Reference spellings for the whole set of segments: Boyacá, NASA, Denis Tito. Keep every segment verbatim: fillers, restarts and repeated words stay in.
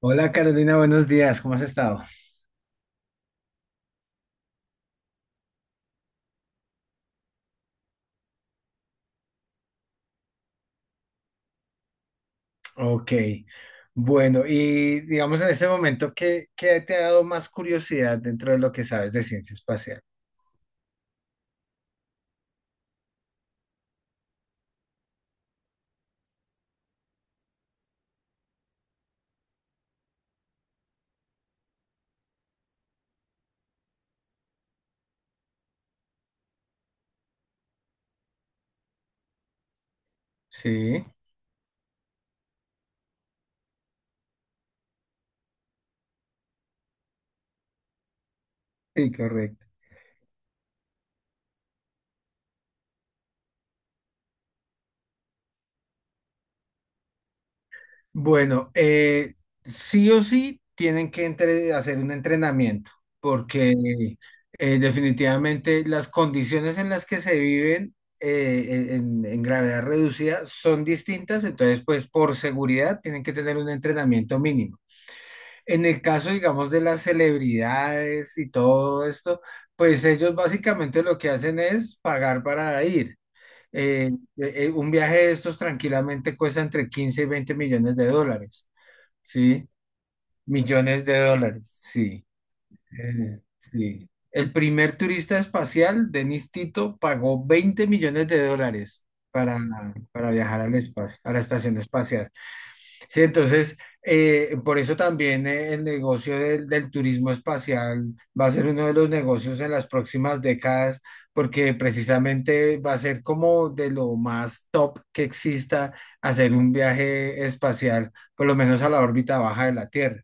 Hola Carolina, buenos días, ¿cómo has estado? Ok, bueno, y digamos en este momento, ¿qué, qué te ha dado más curiosidad dentro de lo que sabes de ciencia espacial? Sí, sí, correcto. Bueno, eh, sí o sí tienen que entre- hacer un entrenamiento, porque eh, definitivamente las condiciones en las que se viven eh, en, en gravedad reducida son distintas, entonces pues por seguridad tienen que tener un entrenamiento mínimo. En el caso, digamos, de las celebridades y todo esto, pues ellos básicamente lo que hacen es pagar para ir. Eh, eh, eh, un viaje de estos tranquilamente cuesta entre quince y veinte millones de dólares, ¿sí? Millones de dólares, sí. eh, sí. El primer turista espacial, Denis Tito, pagó veinte millones de dólares para, para viajar al espacio, a la estación espacial. Sí, entonces, eh, por eso también eh, el negocio del, del turismo espacial va a ser uno de los negocios en las próximas décadas, porque precisamente va a ser como de lo más top que exista hacer un viaje espacial, por lo menos a la órbita baja de la Tierra.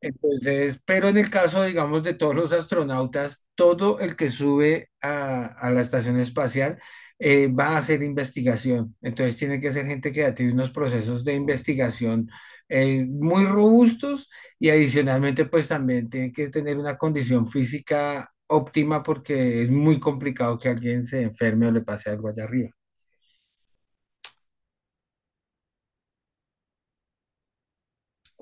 Entonces, pero en el caso, digamos, de todos los astronautas, todo el que sube a, a la estación espacial eh, va a hacer investigación. Entonces, tiene que ser gente que ya tiene unos procesos de investigación eh, muy robustos y adicionalmente, pues también tiene que tener una condición física óptima porque es muy complicado que alguien se enferme o le pase algo allá arriba.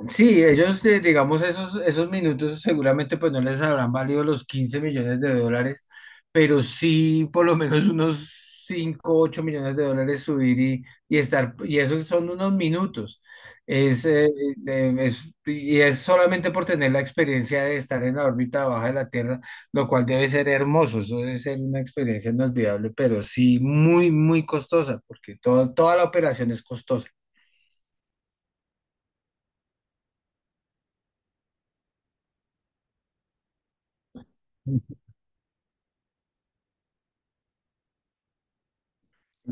Sí, ellos, eh, digamos, esos, esos minutos seguramente pues no les habrán valido los quince millones de dólares, pero sí por lo menos unos cinco ocho millones de dólares subir y, y estar, y eso son unos minutos. Es, eh, eh, es- y es solamente por tener la experiencia de estar en la órbita baja de la Tierra, lo cual debe ser hermoso, eso debe ser una experiencia inolvidable, pero sí muy, muy costosa, porque todo- toda la operación es costosa.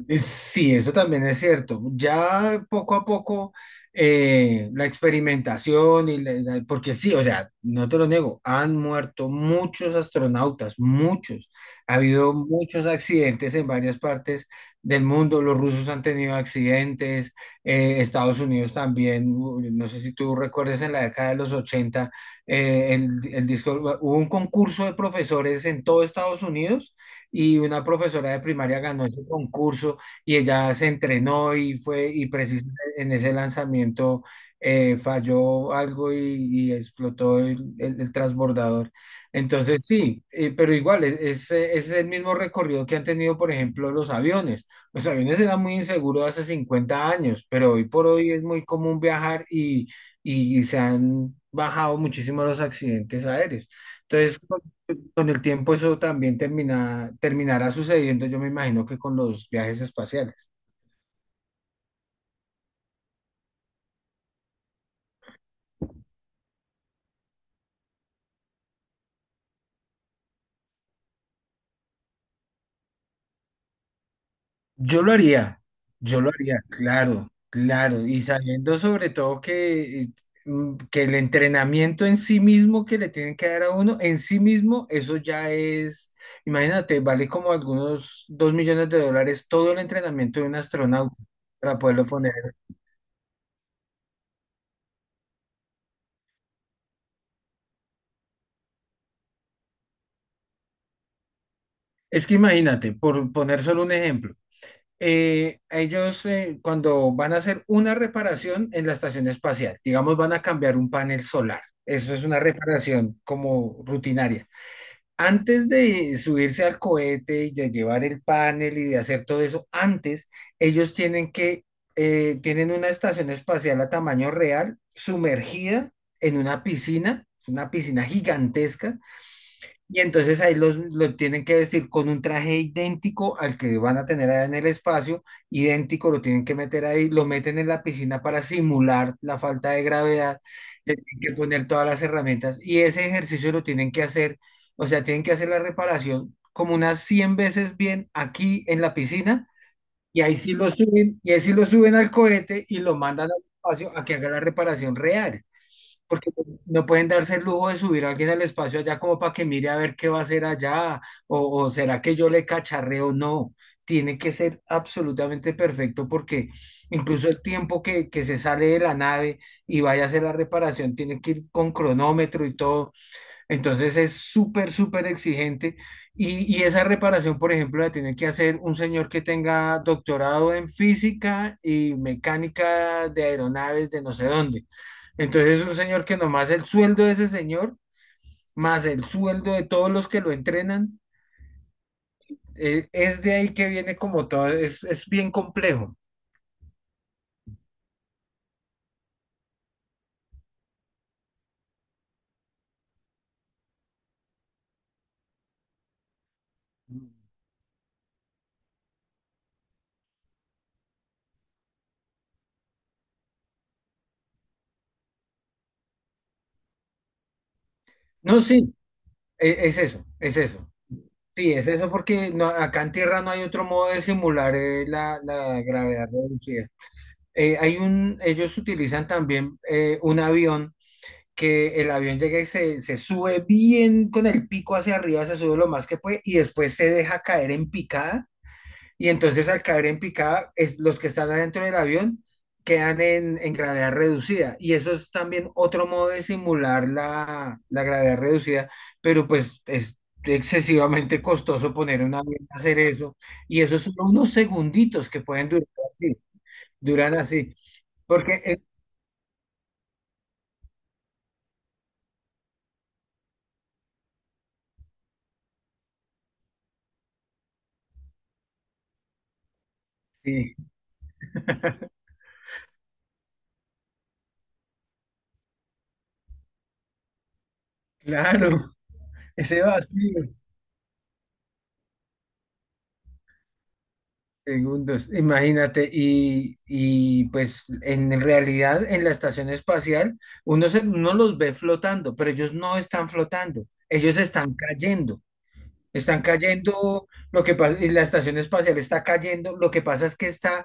Eh, Sí, eso también es cierto. Ya poco a poco eh, la experimentación y la- la- porque sí, o sea, no te lo niego, han muerto muchos astronautas, muchos. Ha habido muchos accidentes en varias partes del mundo. Los rusos han tenido accidentes, eh, Estados Unidos también. u- No sé si tú recuerdas en la década de los ochenta eh, el, el disco, hubo un concurso de profesores en todo Estados Unidos y una profesora de primaria ganó ese concurso y ella se entrenó y fue, y precisamente en ese lanzamiento eh, falló algo y, y explotó el, el- el transbordador. Entonces sí, eh, pero igual es, es, eh, es el mismo recorrido que han tenido, por ejemplo, los aviones. Los aviones eran muy inseguros hace cincuenta años, pero hoy por hoy es muy común viajar y, y se han bajado muchísimo los accidentes aéreos. Entonces, con el tiempo eso también termina, terminará sucediendo, yo me imagino que con los viajes espaciales. Yo lo haría, yo lo haría, claro, claro, y sabiendo sobre todo que, mm, que el entrenamiento en sí mismo que le tienen que dar a uno, en sí mismo, eso ya es, imagínate, vale como algunos dos millones de dólares todo el entrenamiento de un astronauta para poderlo poner. Es que imagínate, por poner solo un ejemplo. Eh, ellos eh, cuando van a hacer una reparación en la estación espacial, digamos, van a cambiar un panel solar. Eso es una reparación como rutinaria. Antes de subirse al cohete y de llevar el panel y de hacer todo eso, antes ellos tienen que, eh, tienen una estación espacial a tamaño real, sumergida en una piscina, es una piscina gigantesca, y entonces ahí los, lo tienen que vestir con un traje idéntico al que van a tener allá en el espacio, idéntico, lo tienen que meter ahí, lo meten en la piscina para simular la falta de gravedad, le tienen que poner todas las herramientas y ese ejercicio lo tienen que hacer, o sea, tienen que hacer la reparación como unas cien veces bien aquí en la piscina y ahí sí lo suben, y ahí sí lo suben al cohete y lo mandan al espacio a que haga la reparación real porque no pueden darse el lujo de subir a alguien al espacio allá como para que mire a ver qué va a hacer allá, o, o será que yo le cacharreo, no. Tiene que ser absolutamente perfecto porque incluso el tiempo que, que se sale de la nave y vaya a hacer la reparación tiene que ir con cronómetro y todo. Entonces es súper, súper exigente y, y esa reparación, por ejemplo, la tiene que hacer un señor que tenga doctorado en física y mecánica de aeronaves de no sé dónde. Entonces es un señor que nomás el sueldo de ese señor, más el sueldo de todos los que lo entrenan, eh, es de ahí que viene como todo, es, es bien complejo. No, sí, e- es eso, es eso. Sí, es eso porque no- acá en tierra no hay otro modo de simular eh, la, la gravedad reducida. Eh, hay un, ellos utilizan también eh, un avión que el avión llega y se, se sube bien con el pico hacia arriba, se sube lo más que puede y después se deja caer en picada. Y entonces al caer en picada, es, los que están adentro del avión quedan en, en gravedad reducida. Y eso es también otro modo de simular la, la gravedad reducida, pero pues es excesivamente costoso poner un avión a hacer eso. Y eso son unos segunditos que pueden durar así. Durán así. Porque, eh, sí, claro, ese vacío. Segundos, imagínate, y, y pues en realidad en la estación espacial uno, se, uno los ve flotando, pero ellos no están flotando, ellos están cayendo, están cayendo, lo que pasa, y la estación espacial está cayendo, lo que pasa es que está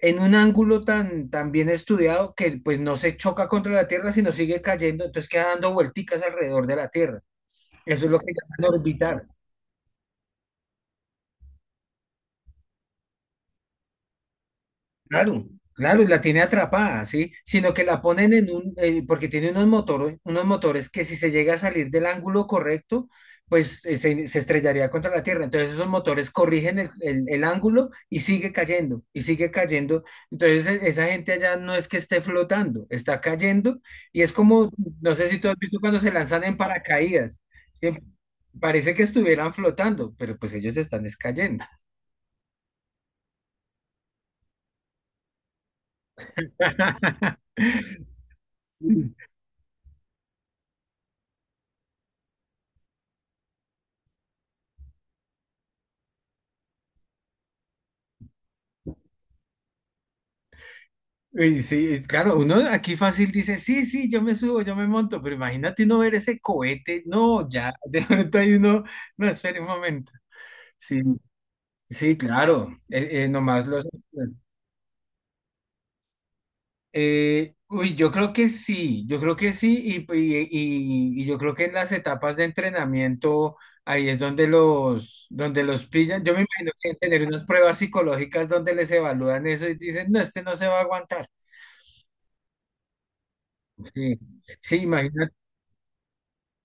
en un ángulo tan, tan bien estudiado que pues no se choca contra la Tierra, sino sigue cayendo, entonces queda dando vuelticas alrededor de la Tierra, eso es lo que llaman orbitar. Claro, claro, y la tiene atrapada, ¿sí? Sino que la ponen en un, eh, porque tiene unos motores, unos motores que si se llega a salir del ángulo correcto, pues eh, se, se estrellaría contra la tierra. Entonces esos motores corrigen el, el- el ángulo y sigue cayendo, y sigue cayendo. Entonces e- esa gente allá no es que esté flotando, está cayendo y es como, no sé si tú has visto cuando se lanzan en paracaídas. ¿sí? Parece que estuvieran flotando, pero pues ellos están es cayendo. Y sí, claro, uno aquí fácil dice, sí, sí, yo me subo, yo me monto, pero imagínate uno ver ese cohete, no, ya, de pronto hay uno, no, espere un momento. Sí, sí, claro, eh, eh, nomás los... Eh, uy, yo creo que sí, yo creo que sí, y, y- y- y yo creo que en las etapas de entrenamiento, ahí es donde los, donde los pillan. Yo me imagino que deben tener unas pruebas psicológicas donde les evalúan eso y dicen, no, este no se va a aguantar. Sí, sí,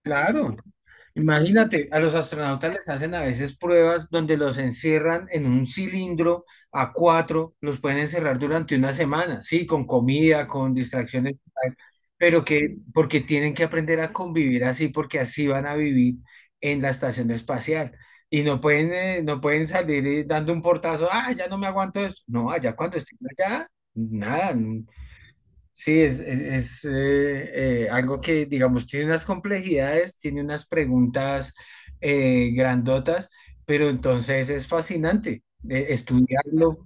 Claro. Imagínate, a los astronautas les hacen a veces pruebas donde los encierran en un cilindro a cuatro, los pueden encerrar durante una semana, sí, con comida, con distracciones, pero que porque tienen que aprender a convivir así, porque así van a vivir en la estación espacial. Y no pueden, eh, no pueden salir eh, dando un portazo, ah, ya no me aguanto esto. No, allá cuando estén allá, nada. Sí, es, es- es, eh, eh, algo que, digamos, tiene unas complejidades, tiene unas preguntas eh, grandotas, pero entonces es fascinante eh, estudiarlo.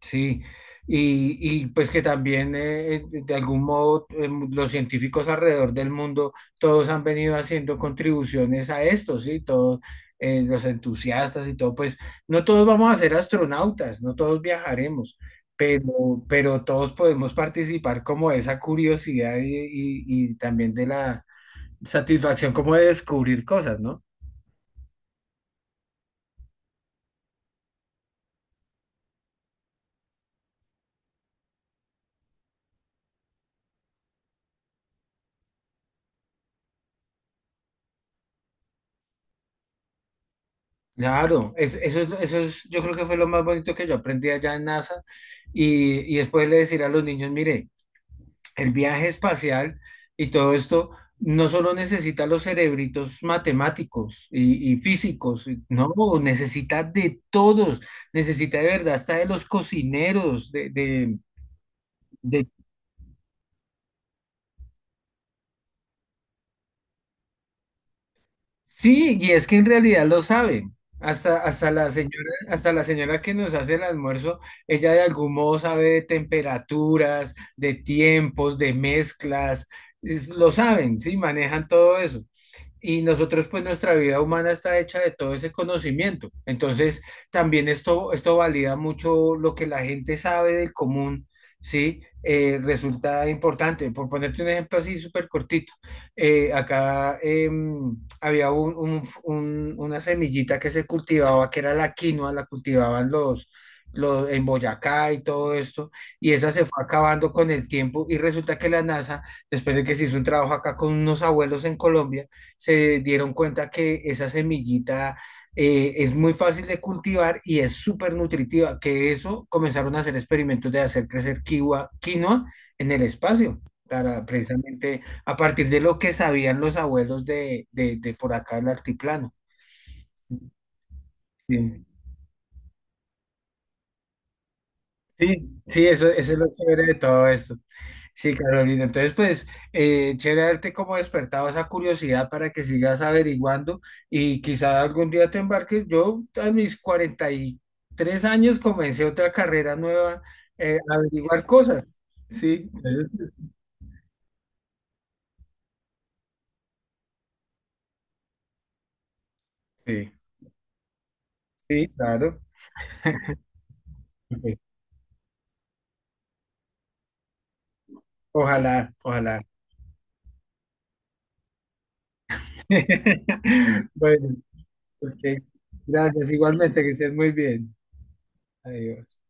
Sí, y, y pues que también eh, eh, de algún modo eh, los científicos alrededor del mundo, todos han venido haciendo contribuciones a esto, ¿sí? Todos eh, los entusiastas y todo, pues no todos vamos a ser astronautas, no todos viajaremos pero, pero todos podemos participar como de esa curiosidad y, y- y también de la satisfacción como de descubrir cosas, ¿no? Claro, es- eso es, eso es, yo creo que fue lo más bonito que yo aprendí allá en NASA y, y después le decir a los niños, mire, el viaje espacial y todo esto no solo necesita los cerebritos matemáticos y, y físicos, y- no, necesita de todos, necesita de verdad hasta de los cocineros, de, de, de Sí, y es que en realidad lo saben. Hasta, hasta la señora, hasta la señora que nos hace el almuerzo, ella de algún modo sabe de temperaturas, de tiempos, de mezclas, es- lo saben, sí, manejan todo eso y nosotros pues nuestra vida humana está hecha de todo ese conocimiento. Entonces también esto, esto valida mucho lo que la gente sabe del común, ¿sí? Eh, resulta importante. Por ponerte un ejemplo así súper cortito, eh, acá eh, había un, un- un- una semillita que se cultivaba, que era la quinoa, la cultivaban los... los en Boyacá y todo esto, y esa se fue acabando con el tiempo y resulta que la NASA, después de que se hizo un trabajo acá con unos abuelos en Colombia, se dieron cuenta que esa semillita eh, es muy fácil de cultivar y es súper nutritiva, que eso comenzaron a hacer experimentos de hacer crecer quinoa, quinoa en el espacio, para precisamente a partir de lo que sabían los abuelos de, de, de por acá del altiplano. Sí. Sí, sí, eso, eso es lo chévere de todo esto. Sí, Carolina. Entonces, pues, eh, chévere haberte como despertado esa curiosidad para que sigas averiguando y quizá algún día te embarques. Yo a mis cuarenta y tres años comencé otra carrera nueva, eh, a averiguar cosas. Sí, entonces, sí, sí, claro. Ok. Ojalá, ojalá. Bueno, ok. Gracias, igualmente, que estés muy bien. Adiós.